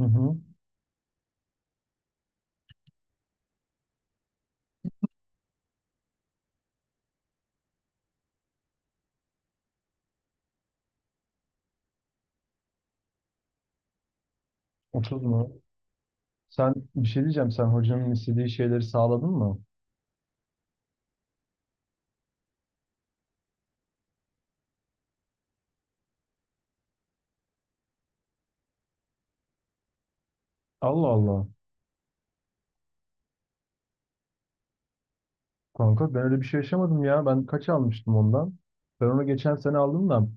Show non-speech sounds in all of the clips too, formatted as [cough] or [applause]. Hı hı. 30 mu? Sen bir şey diyeceğim. Sen hocanın istediği şeyleri sağladın mı? Allah Allah. Kanka ben öyle bir şey yaşamadım ya. Ben kaç almıştım ondan? Ben onu geçen sene aldım da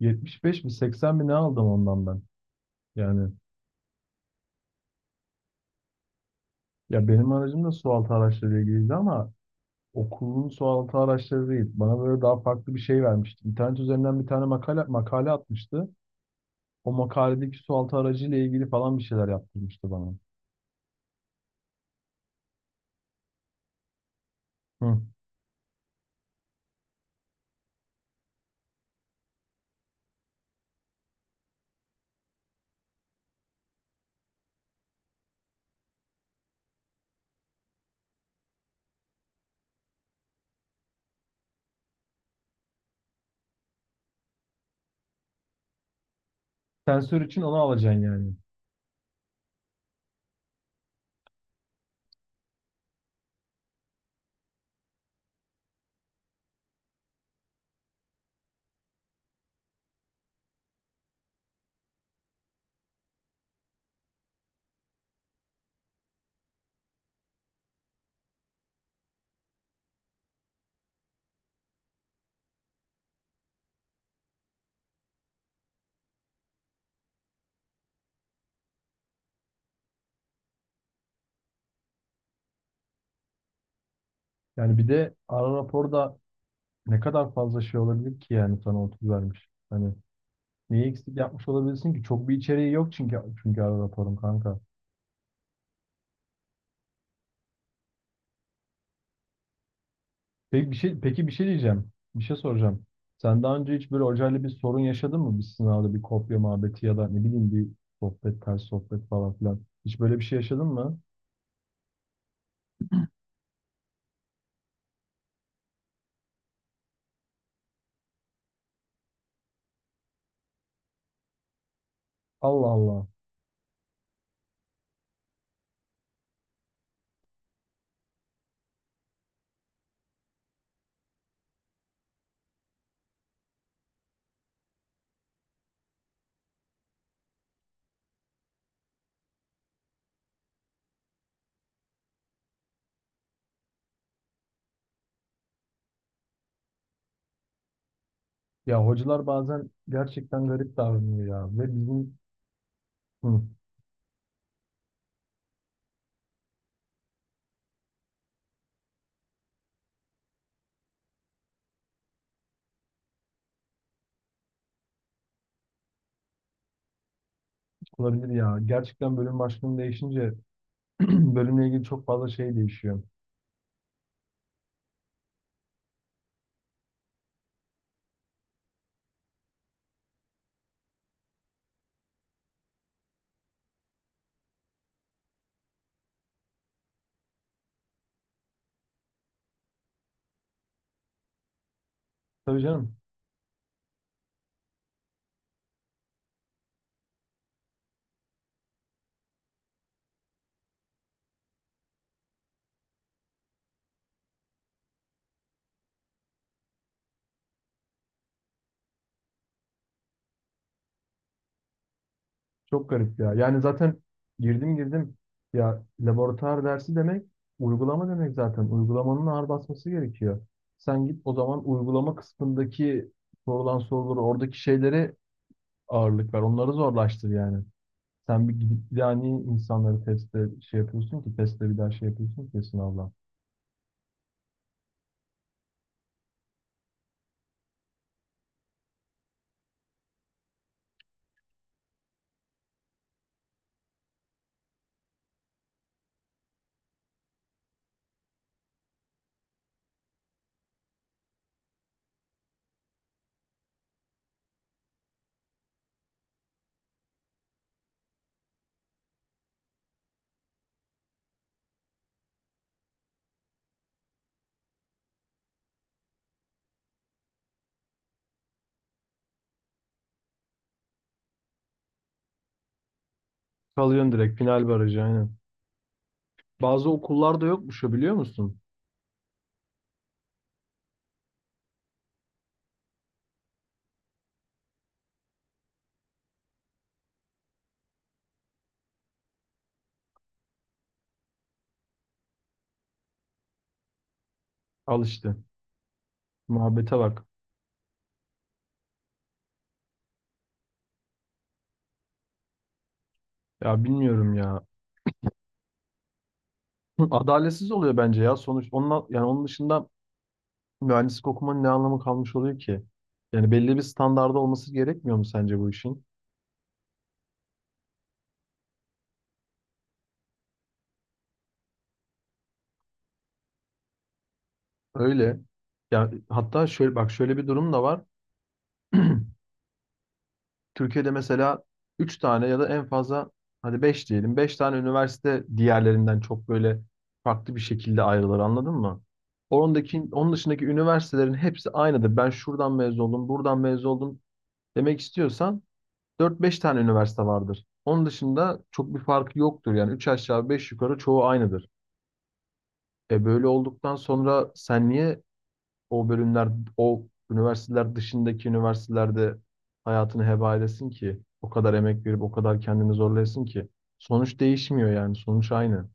75 mi 80 mi ne aldım ondan ben. Yani ya benim aracım da sualtı araçlarıyla ilgiliydi ama okulun sualtı araçları değil. Bana böyle daha farklı bir şey vermişti. İnternet üzerinden bir tane makale atmıştı. O makaledeki sualtı aracıyla ilgili falan bir şeyler yaptırmıştı bana. Hı. Sensör için onu alacaksın yani. Yani bir de ara raporda ne kadar fazla şey olabilir ki yani sana 30 vermiş. Hani neyi eksik yapmış olabilirsin ki? Çok bir içeriği yok çünkü ara raporun kanka. Peki bir şey diyeceğim. Bir şey soracağım. Sen daha önce hiç böyle hocayla bir sorun yaşadın mı? Bir sınavda bir kopya muhabbeti ya da ne bileyim bir sohbet, ters sohbet falan filan. Hiç böyle bir şey yaşadın mı? Allah Allah. Ya hocalar bazen gerçekten garip davranıyor ya. Ve bizim Hı, olabilir ya. Gerçekten bölüm başlığım değişince [clears throat] bölümle ilgili çok fazla şey değişiyor. Tabii canım. Çok garip ya. Yani zaten girdim girdim. Ya laboratuvar dersi demek uygulama demek zaten. Uygulamanın ağır basması gerekiyor. Sen git o zaman uygulama kısmındaki sorulan soruları oradaki şeylere ağırlık ver. Onları zorlaştır yani. Sen bir gidip bir daha niye insanları testte şey yapıyorsun ki? Testte bir daha şey yapıyorsun ki sınavla. Kalıyorsun direkt, final barajı aynen. Bazı okullarda yokmuş o, biliyor musun? Al işte. Muhabbete bak. Ya bilmiyorum ya. [clears throat] Hı, adaletsiz oluyor bence ya. Sonuç onunla, yani onun dışında mühendislik okumanın ne anlamı kalmış oluyor ki? Yani belli bir standarda olması gerekmiyor mu sence bu işin? Öyle. Ya hatta şöyle bir durum da var. [clears throat] Türkiye'de mesela 3 tane ya da en fazla hadi 5 diyelim. Beş tane üniversite diğerlerinden çok böyle farklı bir şekilde ayrılır, anladın mı? Ondaki, onun dışındaki üniversitelerin hepsi aynıdır. Ben şuradan mezun oldum, buradan mezun oldum demek istiyorsan dört beş tane üniversite vardır. Onun dışında çok bir farkı yoktur. Yani 3 aşağı 5 yukarı çoğu aynıdır. E böyle olduktan sonra sen niye o bölümler, o üniversiteler dışındaki üniversitelerde hayatını heba edesin ki? O kadar emek verip o kadar kendini zorlayasın ki. Sonuç değişmiyor yani. Sonuç aynı.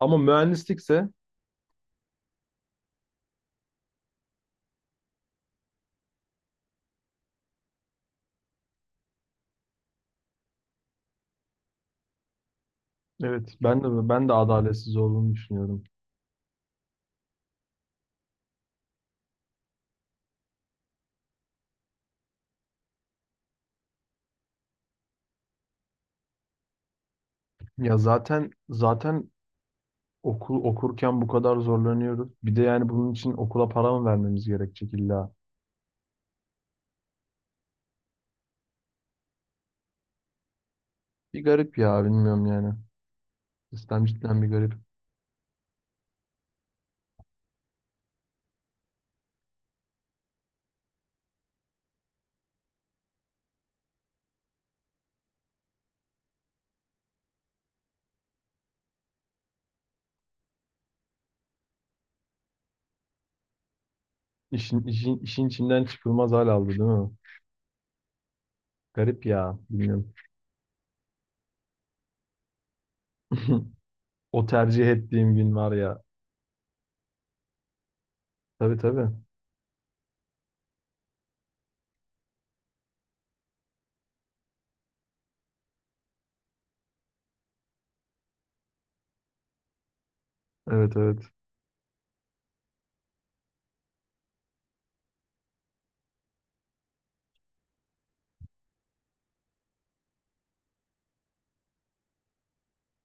Ama mühendislikse evet, ben de adaletsiz olduğunu düşünüyorum. Ya zaten okul okurken bu kadar zorlanıyoruz. Bir de yani bunun için okula para mı vermemiz gerekecek illa? Bir garip ya, bilmiyorum yani. İslam cidden bir garip. İşin içinden çıkılmaz hal aldı, değil mi? Garip ya, bilmiyorum. [laughs] O tercih ettiğim gün var ya. Tabii tabii. Evet evet.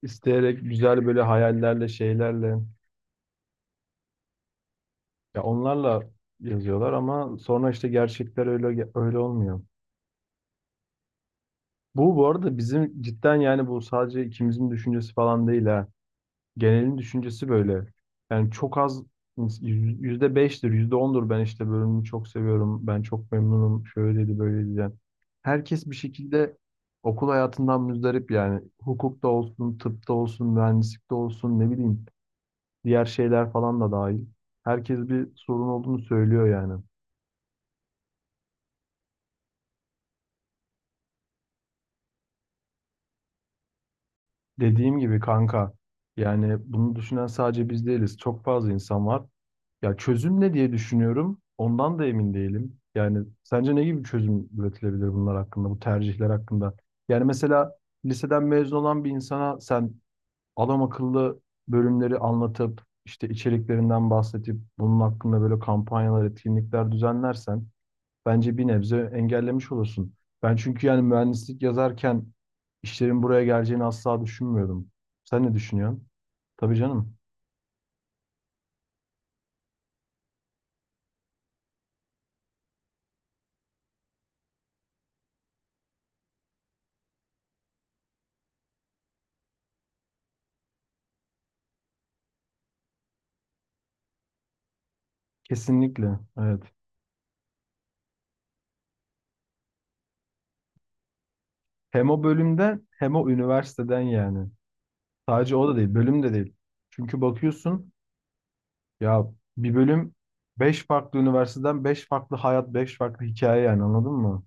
İsteyerek, güzel, böyle hayallerle, şeylerle, ya onlarla yazıyorlar ama sonra işte gerçekler öyle öyle olmuyor. Bu arada bizim cidden yani, bu sadece ikimizin düşüncesi falan değil ha. Genelin düşüncesi böyle. Yani çok az, %5'tir, yüzde ondur, ben işte bölümümü çok seviyorum, ben çok memnunum, şöyle şöyleydi böyleydi yani. Herkes bir şekilde okul hayatından müzdarip yani. Hukukta olsun, tıpta olsun, mühendislikte olsun, ne bileyim, diğer şeyler falan da dahil. Herkes bir sorun olduğunu söylüyor yani. Dediğim gibi kanka, yani bunu düşünen sadece biz değiliz. Çok fazla insan var. Ya çözüm ne diye düşünüyorum. Ondan da emin değilim. Yani sence ne gibi bir çözüm üretilebilir bunlar hakkında, bu tercihler hakkında? Yani mesela liseden mezun olan bir insana sen adam akıllı bölümleri anlatıp işte içeriklerinden bahsedip bunun hakkında böyle kampanyalar, etkinlikler düzenlersen bence bir nebze engellemiş olursun. Ben çünkü yani mühendislik yazarken işlerin buraya geleceğini asla düşünmüyordum. Sen ne düşünüyorsun? Tabii canım. Kesinlikle. Evet. Hem o bölümden hem o üniversiteden yani. Sadece o da değil, bölüm de değil. Çünkü bakıyorsun ya, bir bölüm, 5 farklı üniversiteden 5 farklı hayat, 5 farklı hikaye yani, anladın mı?